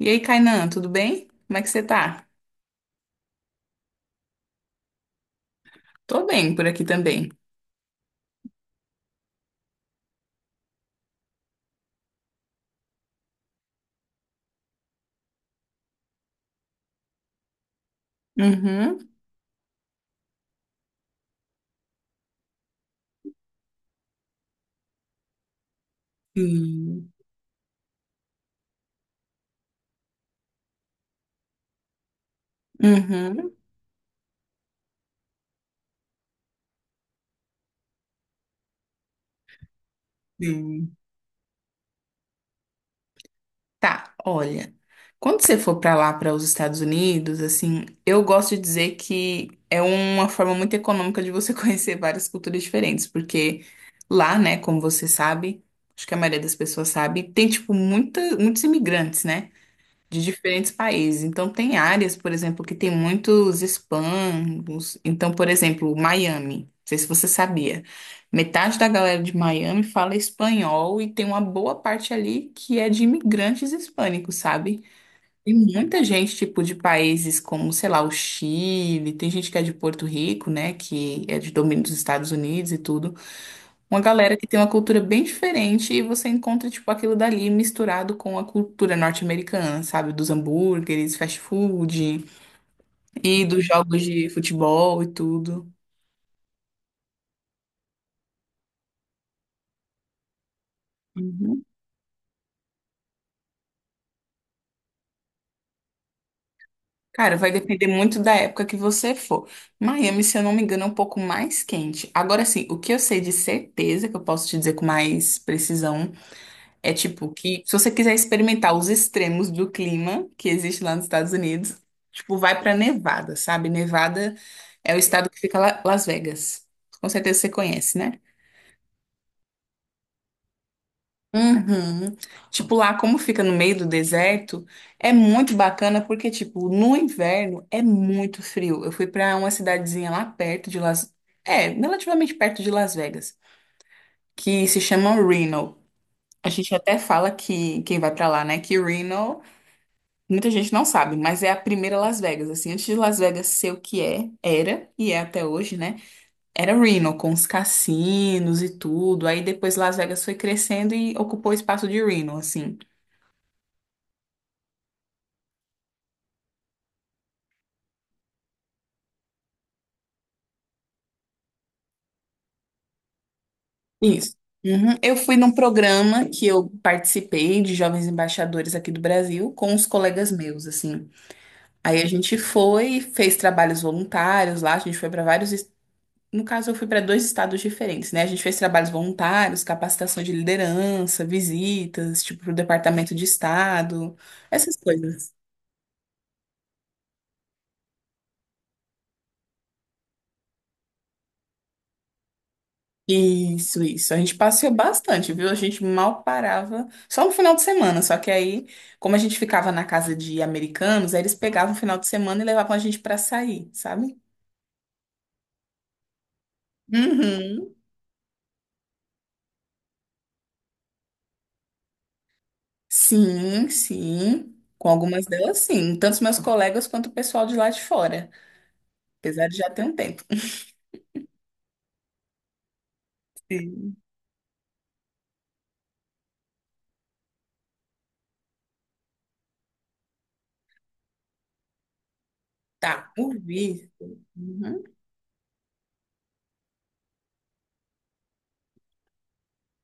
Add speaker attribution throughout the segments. Speaker 1: E aí, Kainan, tudo bem? Como é que você tá? Tô bem por aqui também. Uhum. Sim. Uhum. Sim. Tá, olha. Quando você for pra lá, para os Estados Unidos, assim, eu gosto de dizer que é uma forma muito econômica de você conhecer várias culturas diferentes, porque lá, né, como você sabe, acho que a maioria das pessoas sabe, tem tipo muita, muitos imigrantes, né? De diferentes países. Então, tem áreas, por exemplo, que tem muitos hispanos. Então, por exemplo, Miami. Não sei se você sabia. Metade da galera de Miami fala espanhol e tem uma boa parte ali que é de imigrantes hispânicos, sabe? Tem muita gente, tipo, de países como, sei lá, o Chile, tem gente que é de Porto Rico, né, que é de domínio dos Estados Unidos e tudo uma galera que tem uma cultura bem diferente e você encontra, tipo, aquilo dali misturado com a cultura norte-americana, sabe? Dos hambúrgueres, fast food e dos jogos de futebol e tudo. Uhum. Cara, vai depender muito da época que você for. Miami, se eu não me engano, é um pouco mais quente. Agora sim, o que eu sei de certeza, que eu posso te dizer com mais precisão, é tipo que, se você quiser experimentar os extremos do clima que existe lá nos Estados Unidos, tipo, vai pra Nevada, sabe? Nevada é o estado que fica lá, Las Vegas. Com certeza você conhece, né? Uhum. Tipo, lá como fica no meio do deserto, é muito bacana porque, tipo, no inverno é muito frio. Eu fui pra uma cidadezinha lá perto de Las... É, relativamente perto de Las Vegas, que se chama Reno. A gente até fala que quem vai pra lá, né, que Reno muita gente não sabe, mas é a primeira Las Vegas, assim, antes de Las Vegas ser o que é, era, e é até hoje, né? Era Reno, com os cassinos e tudo. Aí depois Las Vegas foi crescendo e ocupou o espaço de Reno, assim. Isso. Uhum. Eu fui num programa que eu participei de jovens embaixadores aqui do Brasil com os colegas meus, assim. Aí a gente foi, fez trabalhos voluntários lá, a gente foi para vários... No caso, eu fui para dois estados diferentes, né? A gente fez trabalhos voluntários, capacitação de liderança, visitas, tipo, pro departamento de estado, essas coisas. Isso, isso. A gente passeou bastante, viu? A gente mal parava, só no final de semana. Só que aí, como a gente ficava na casa de americanos, aí eles pegavam o final de semana e levavam a gente para sair, sabe? Uhum. Sim, sim. Com algumas delas, sim. Tanto os meus colegas quanto o pessoal de lá de fora. Apesar de já ter um tempo. Tá, o visto. Uhum.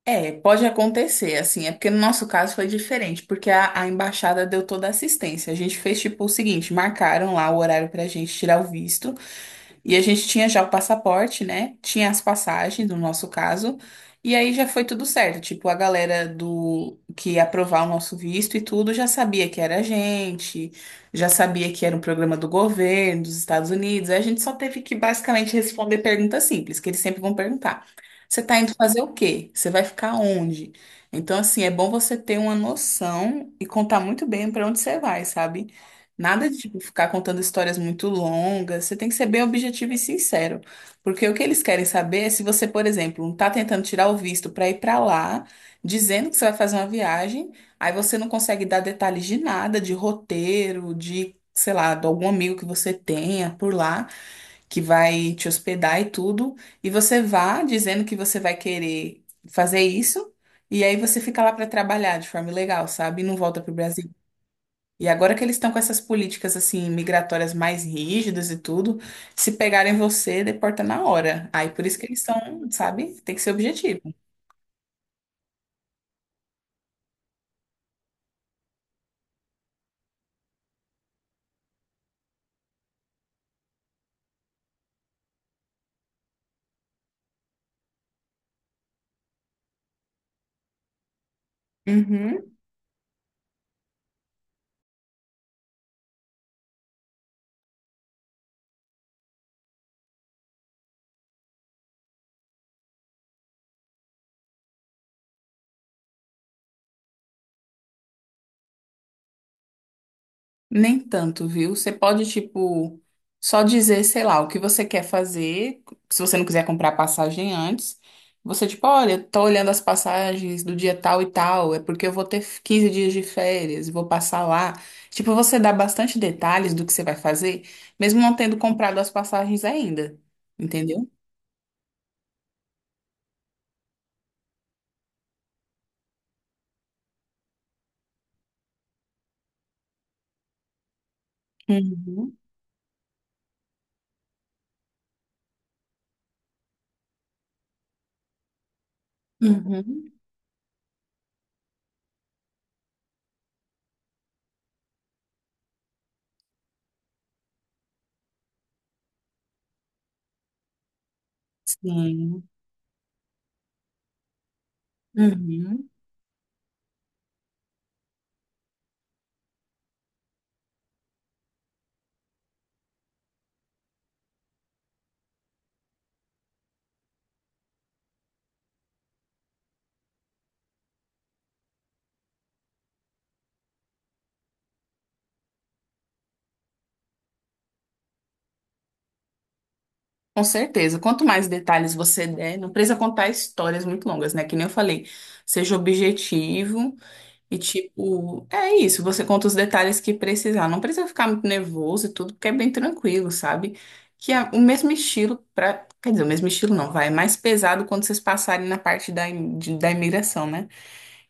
Speaker 1: É, pode acontecer, assim, é porque no nosso caso foi diferente, porque a embaixada deu toda a assistência. A gente fez tipo o seguinte, marcaram lá o horário pra gente tirar o visto. E a gente tinha já o passaporte, né? Tinha as passagens, no nosso caso. E aí já foi tudo certo. Tipo, a galera do que ia aprovar o nosso visto e tudo já sabia que era a gente, já sabia que era um programa do governo dos Estados Unidos. Aí a gente só teve que basicamente responder perguntas simples, que eles sempre vão perguntar. Você tá indo fazer o quê? Você vai ficar onde? Então, assim, é bom você ter uma noção e contar muito bem para onde você vai, sabe? Nada de tipo, ficar contando histórias muito longas. Você tem que ser bem objetivo e sincero. Porque o que eles querem saber é se você, por exemplo, está tentando tirar o visto para ir para lá, dizendo que você vai fazer uma viagem, aí você não consegue dar detalhes de nada, de roteiro, de, sei lá, de algum amigo que você tenha por lá, que vai te hospedar e tudo. E você vá dizendo que você vai querer fazer isso. E aí você fica lá para trabalhar de forma ilegal, sabe? E não volta para o Brasil. E agora que eles estão com essas políticas assim migratórias mais rígidas e tudo, se pegarem você, deporta na hora. Aí por isso que eles estão, sabe? Tem que ser objetivo. Uhum. Nem tanto, viu? Você pode, tipo, só dizer, sei lá, o que você quer fazer. Se você não quiser comprar passagem antes, você, tipo, olha, tô olhando as passagens do dia tal e tal, é porque eu vou ter 15 dias de férias, vou passar lá. Tipo, você dá bastante detalhes do que você vai fazer, mesmo não tendo comprado as passagens ainda. Entendeu? Uhum. Uhum. Sim. Uhum. Com certeza. Quanto mais detalhes você der, não precisa contar histórias muito longas, né? Que nem eu falei, seja objetivo e tipo, é isso, você conta os detalhes que precisar. Não precisa ficar muito nervoso e tudo, porque é bem tranquilo, sabe? Que é o mesmo estilo para, quer dizer, o mesmo estilo não, vai, é mais pesado quando vocês passarem na parte da, im- de- da imigração, né?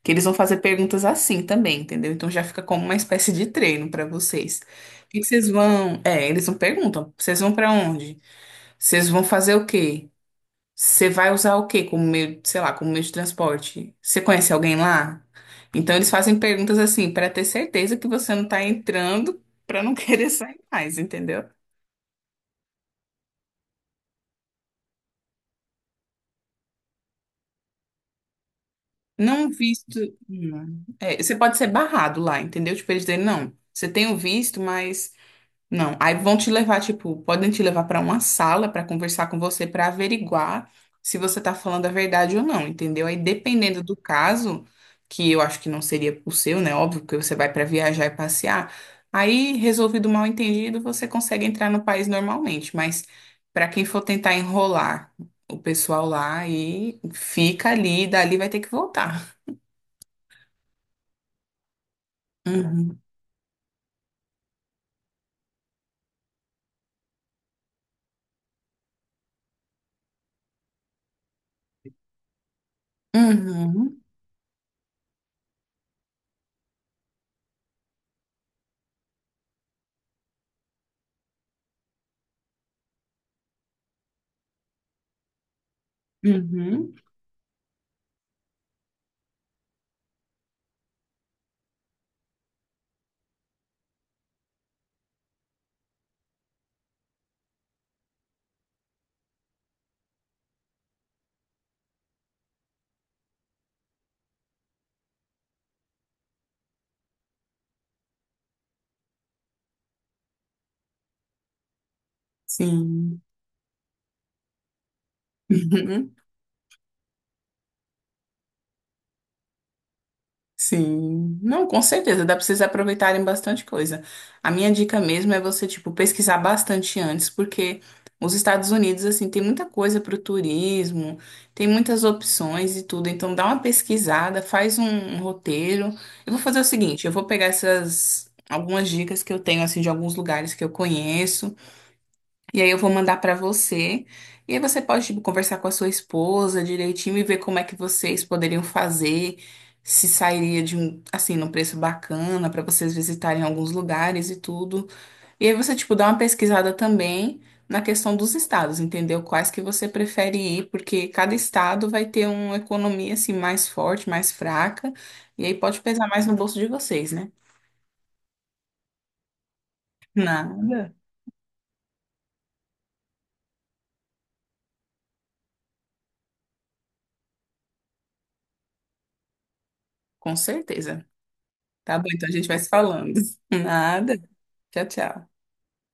Speaker 1: Que eles vão fazer perguntas assim também, entendeu? Então já fica como uma espécie de treino para vocês. O que que vocês vão, é, eles não perguntam, vocês vão para onde? Vocês vão fazer o quê? Você vai usar o quê como meio, sei lá, como meio de transporte? Você conhece alguém lá? Então eles fazem perguntas assim para ter certeza que você não tá entrando para não querer sair mais, entendeu? Não visto. Não. É, você pode ser barrado lá, entendeu? Tipo, eles dizem, não, você tem o visto, mas... Não, aí vão te levar, tipo, podem te levar para uma sala para conversar com você, para averiguar se você tá falando a verdade ou não, entendeu? Aí dependendo do caso, que eu acho que não seria o seu, né? Óbvio que você vai para viajar e passear. Aí, resolvido o mal-entendido, você consegue entrar no país normalmente, mas para quem for tentar enrolar o pessoal lá aí fica ali, e dali vai ter que voltar. Uhum. Uhum. Uhum. Sim. Sim, não, com certeza, dá pra vocês aproveitarem bastante coisa. A minha dica mesmo é você, tipo, pesquisar bastante antes, porque os Estados Unidos, assim, tem muita coisa pro turismo, tem muitas opções e tudo. Então, dá uma pesquisada, faz um, um roteiro. Eu vou fazer o seguinte, eu vou pegar essas algumas dicas que eu tenho, assim, de alguns lugares que eu conheço. E aí eu vou mandar pra você. E aí você pode, tipo, conversar com a sua esposa direitinho e ver como é que vocês poderiam fazer, se sairia de um, assim, num preço bacana pra vocês visitarem alguns lugares e tudo. E aí você, tipo, dá uma pesquisada também na questão dos estados, entendeu? Quais que você prefere ir, porque cada estado vai ter uma economia, assim, mais forte, mais fraca. E aí pode pesar mais no bolso de vocês, né? Nada, com certeza. Tá bom, então a gente vai se falando. Nada. Tchau, tchau.